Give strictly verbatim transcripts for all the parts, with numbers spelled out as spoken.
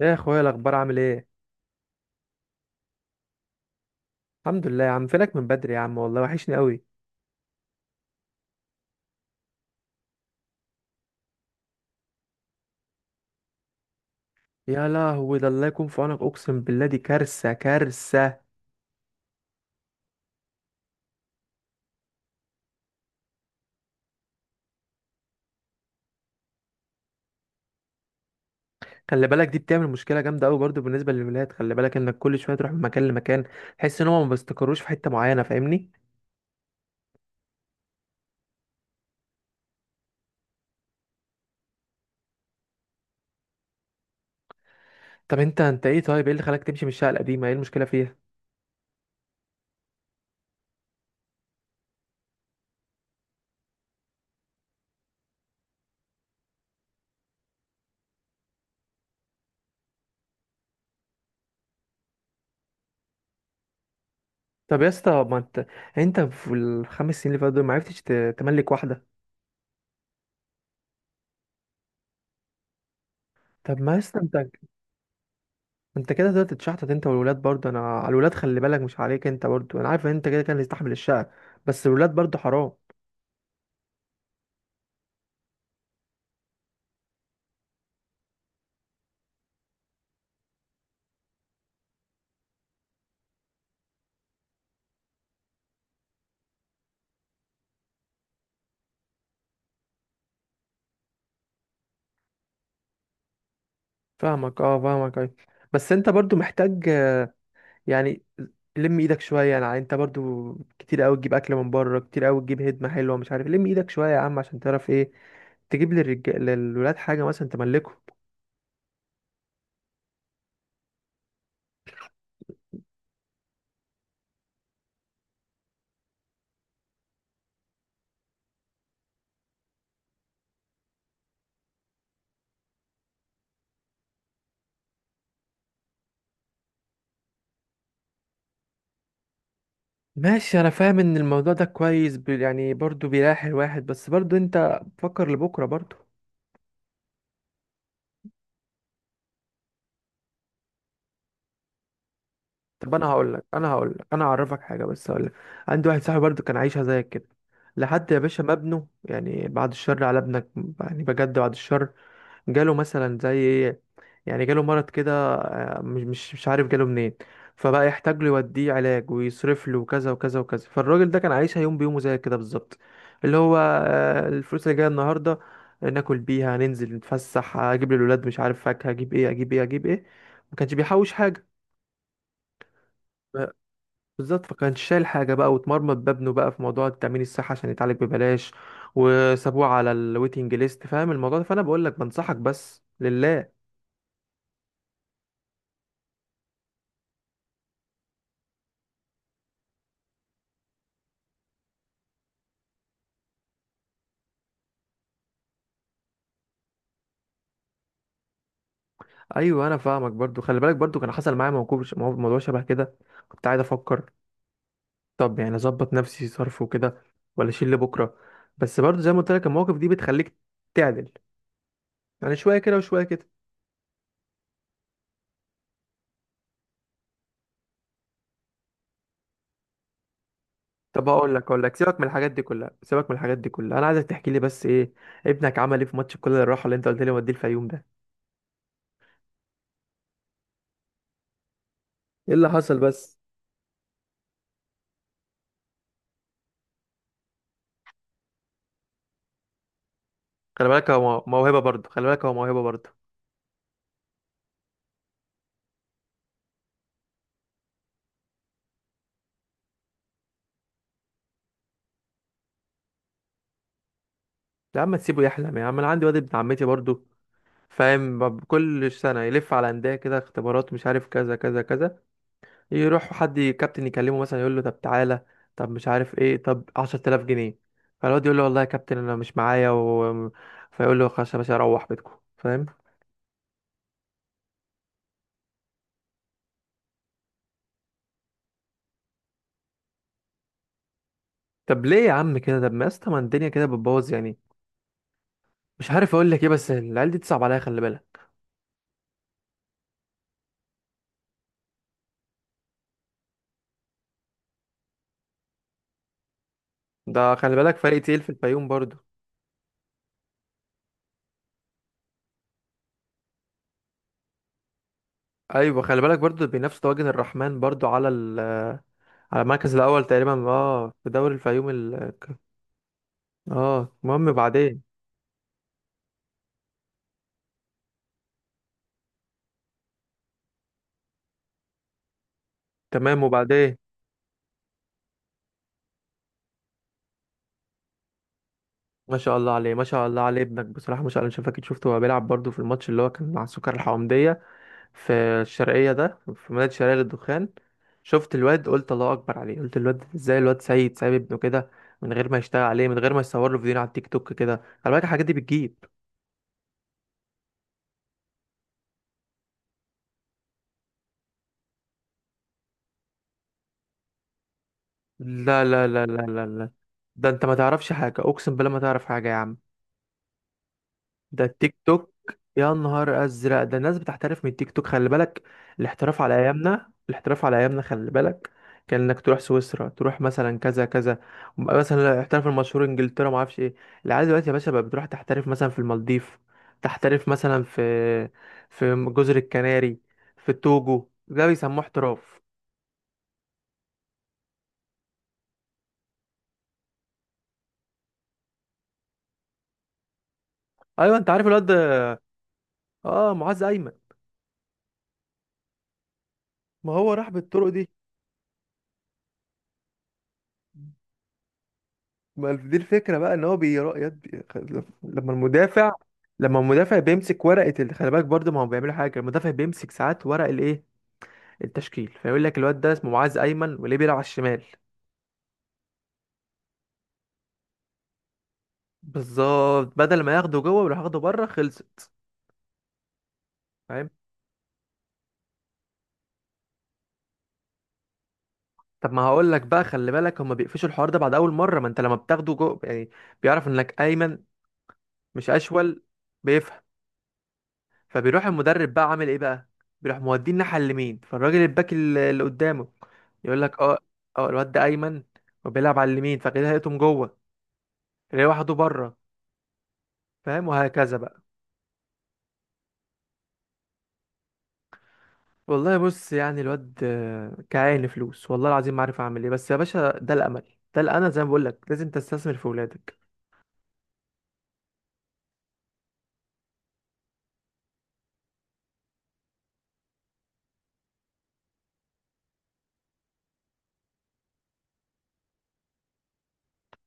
يا اخويا الاخبار عامل ايه؟ الحمد لله يا عم. فينك من بدري يا عم؟ والله وحشني قوي. يا لهوي، ده الله يكون في عونك، اقسم بالله دي كارثه كارثه. خلي بالك دي بتعمل مشكله جامده قوي برضو بالنسبه للولاد، خلي بالك انك كل شويه تروح من مكان لمكان، تحس ان هم ما بيستقروش في حته معينه، فاهمني؟ طب انت انت ايه؟ طيب ايه اللي خلاك تمشي من الشقه القديمه؟ ايه المشكله فيها؟ طب يا اسطى، ما انت، انت في الخمس سنين اللي فاتوا دول ما عرفتش ت- تملك واحده؟ طب ما يا اسطى انت انت كده تقدر تتشحتت انت والولاد برضه. انا على الولاد خلي بالك، مش عليك انت برضه. انا عارف ان انت كده كان يستحمل الشقه، بس الولاد برضه حرام. فاهمك اه، فاهمك اي. بس انت برضه محتاج، آه، يعني لم ايدك شويه. يعني انت برضه كتير قوي تجيب اكل من بره، كتير قوي تجيب هدمه حلوه، مش عارف. لم ايدك شويه يا عم عشان تعرف ايه تجيب للرجال للولاد حاجه مثلا تملكهم. ماشي انا فاهم ان الموضوع ده كويس، ب- يعني برضه بيريح الواحد، بس برضه انت فكر لبكره برضه. طب انا هقول لك انا هقول لك، انا هعرفك حاجه، بس هقول لك، عندي واحد صاحبي برضو كان عايشها زيك كده لحد يا باشا ما ابنه، يعني بعد الشر على ابنك، يعني بجد بعد الشر، جاله مثلا زي ايه، يعني جاله مرض كده، آه، مش مش مش عارف جاله منين. فبقى يحتاج له يوديه علاج ويصرف له وكذا وكذا وكذا. فالراجل ده كان عايشها يوم بيومه زي كده بالظبط. اللي هو آه، الفلوس اللي جايه النهارده ناكل بيها، ننزل نتفسح، اجيب للولاد مش عارف فاكهه، اجيب ايه اجيب ايه اجيب ايه. ما كانش بيحوش حاجه. بالظبط، فكانش شايل حاجة بقى، واتمرمط بابنه بقى في موضوع التأمين الصحي عشان يتعالج ببلاش، وسابوه على الويتنج ليست، فاهم الموضوع ده؟ فأنا بقول لك بنصحك بس لله. أيوه أنا فاهمك برضو، خلي بالك برضو كان حصل معايا موقف، مو- موضوع شبه كده. كنت قاعد أفكر، طب يعني أظبط نفسي صرف وكده ولا أشيل لبكرة؟ بس برضو زي ما قلت لك، المواقف دي بتخليك تعدل، يعني شوية كده وشوية كده. طب هقول لك هقول لك، سيبك من الحاجات دي كلها، سيبك من الحاجات دي كلها، أنا عايزك تحكي لي بس إيه ابنك عمل إيه في ماتش كل الراحة اللي أنت قلت لي وديه الفيوم ده. ايه اللي حصل بس؟ خلي بالك هو مو- موهبه برضه، خلي بالك هو موهبه برضه. يا عم تسيبه يحلم يا عم، انا عندي واد ابن عمتي برضه، فاهم؟ ب- كل سنه يلف على انديه كده اختبارات، مش عارف كذا كذا كذا. يروح حد ي- كابتن يكلمه مثلا، يقول له طب تعالى، طب مش عارف ايه، طب عشرة آلاف جنيه. فالواد يقول له والله يا كابتن انا مش معايا و. فيقول له خلاص يا باشا، اروح بيتكم. فاهم؟ طب ليه يا عم كده؟ طب ما يا اسطى، ما الدنيا كده بتبوظ يعني. مش عارف اقول لك ايه، بس العيال دي تصعب عليا، خلي بالك. ده خلي بالك فريق تقيل في الفيوم برضه. ايوه خلي بالك برضو بينافس طواجن الرحمن برضو على، ال... على المركز الاول تقريبا، اه في دوري الفيوم. ال... اه المهم بعدين. تمام وبعدين. ما شاء الله عليه، ما شاء الله عليه، ابنك بصراحه ما شاء الله، مش فاكر شفته هو بيلعب برضو في الماتش اللي هو كان مع السكر الحومديه في الشرقيه، ده في مدينه الشرقيه للدخان. شفت الواد قلت الله اكبر عليه، قلت الواد ازاي، الواد سيد سايب ابنه كده، من غير ما يشتغل عليه، من غير ما يصور له فيديو على التيك توك كده. خلي بالك الحاجات دي بتجيب. لا لا لا لا لا لا، ده انت ما تعرفش حاجه، اقسم بالله ما تعرف حاجه يا عم، ده التيك توك. يا نهار ازرق، ده الناس بتحترف من التيك توك، خلي بالك. الاحتراف على ايامنا، الاحتراف على ايامنا، خلي بالك، كان انك تروح سويسرا، تروح مثلا كذا كذا، مثلا الاحتراف المشهور انجلترا، ما اعرفش ايه. العيال دلوقتي يا باشا بقى بتروح تحترف مثلا في المالديف، تحترف مثلا في في جزر الكناري، في التوجو، ده بيسموه احتراف. ايوه انت عارف الواد ده؟ اه معاذ ايمن. ما هو راح بالطرق دي. ما دي الفكرة بقى، ان هو بيرا يد بي. لما المدافع لما المدافع بيمسك ورقة ال، خلي بالك برضه، ما هو بيعملوا حاجة، المدافع بيمسك ساعات ورق الايه، التشكيل، فيقول لك الواد ده اسمه معاذ ايمن وليه بيلعب على الشمال. بالظبط، بدل ما ياخده جوه ويروح ياخده بره، خلصت. فاهم؟ طب ما هقول لك بقى، خلي بالك هما بيقفشوا الحوار ده بعد اول مرة، ما انت لما بتاخده جوه يعني، بيعرف انك ايمن، مش اشول. فبيروح المدرب بقى عامل ايه بقى؟ بيروح موديه الناحيه اليمين، فالراجل الباك ال- اللي قدامه يقول لك اه، اه الواد ده ايمن وبيلعب على اليمين، فكده هيقطم جوه، تلاقيه واحده بره. فاهم؟ وهكذا بقى. والله بص، يعني الواد آه، كعين فلوس، والله العظيم ما عارف اعمل ايه، بس يا باشا ده الامل، ده الامل، زي ما بقول لك لازم تستثمر في ولادك.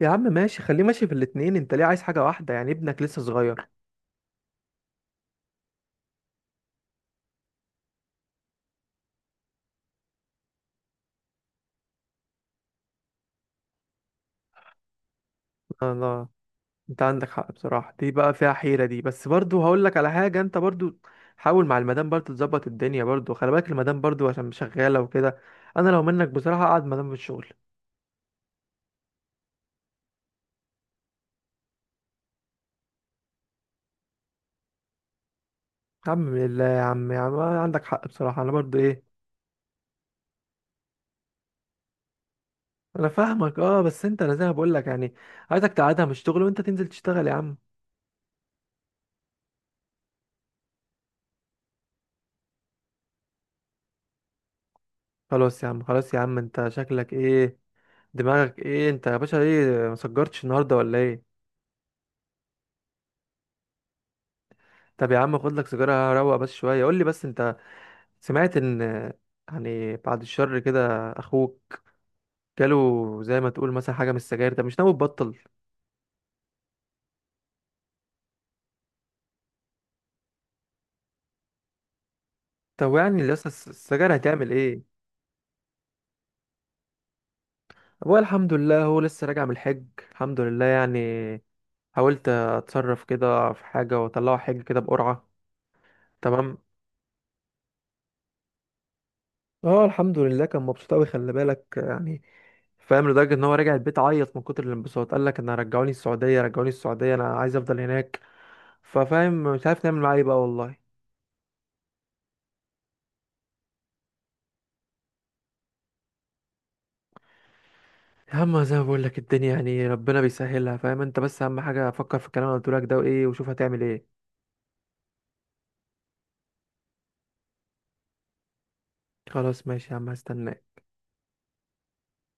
يا عم ماشي، خليه ماشي في الاتنين، انت ليه عايز حاجه واحده يعني؟ ابنك لسه صغير. الله. انت عندك حق بصراحة، دي بقى فيها حيرة دي، بس برضو هقول لك على حاجة، انت برضو حاول مع المدام برضو تظبط الدنيا، برضو خلي بالك المدام برضو عشان شغالة وكده. انا لو منك بصراحة اقعد مدام في الشغل. يا عم بالله يا عم، يا عم عندك حق بصراحة، انا برضو ايه، انا فاهمك اه. بس انت، انا زي ما بقول لك يعني عايزك تقعدها من الشغل وانت تنزل تشتغل يا عم. خلاص يا عم، خلاص يا عم، انت شكلك ايه؟ دماغك ايه انت يا باشا؟ ايه مسجرتش النهارده ولا ايه؟ طب يا عم خد لك سيجارة، روق بس شوية، قول لي بس انت سمعت ان، يعني بعد الشر كده، اخوك جاله زي ما تقول مثلا حاجه من السجاير، ده مش ناوي تبطل؟ طب يعني لسه الس- السجاير هتعمل ايه؟ ابويا الحمد لله هو لسه راجع من الحج، الحمد لله يعني، حاولت اتصرف كده في حاجه واطلعه حج كده بقرعه، تمام. اه الحمد لله كان مبسوط قوي، خلي بالك يعني، فاهم لدرجه ان هو راجع البيت عيط من كتر الانبساط، قال لك انا رجعوني السعوديه، رجعوني السعوديه، انا عايز افضل هناك. ففاهم مش عارف نعمل معاه ايه بقى والله. اما زي ما بقول لك الدنيا يعني ربنا بيسهلها، فاهم انت، بس اهم حاجه فكر في الكلام اللي قلت لك ده وايه، وشوف هتعمل ايه. خلاص ماشي يا عم، هستناك.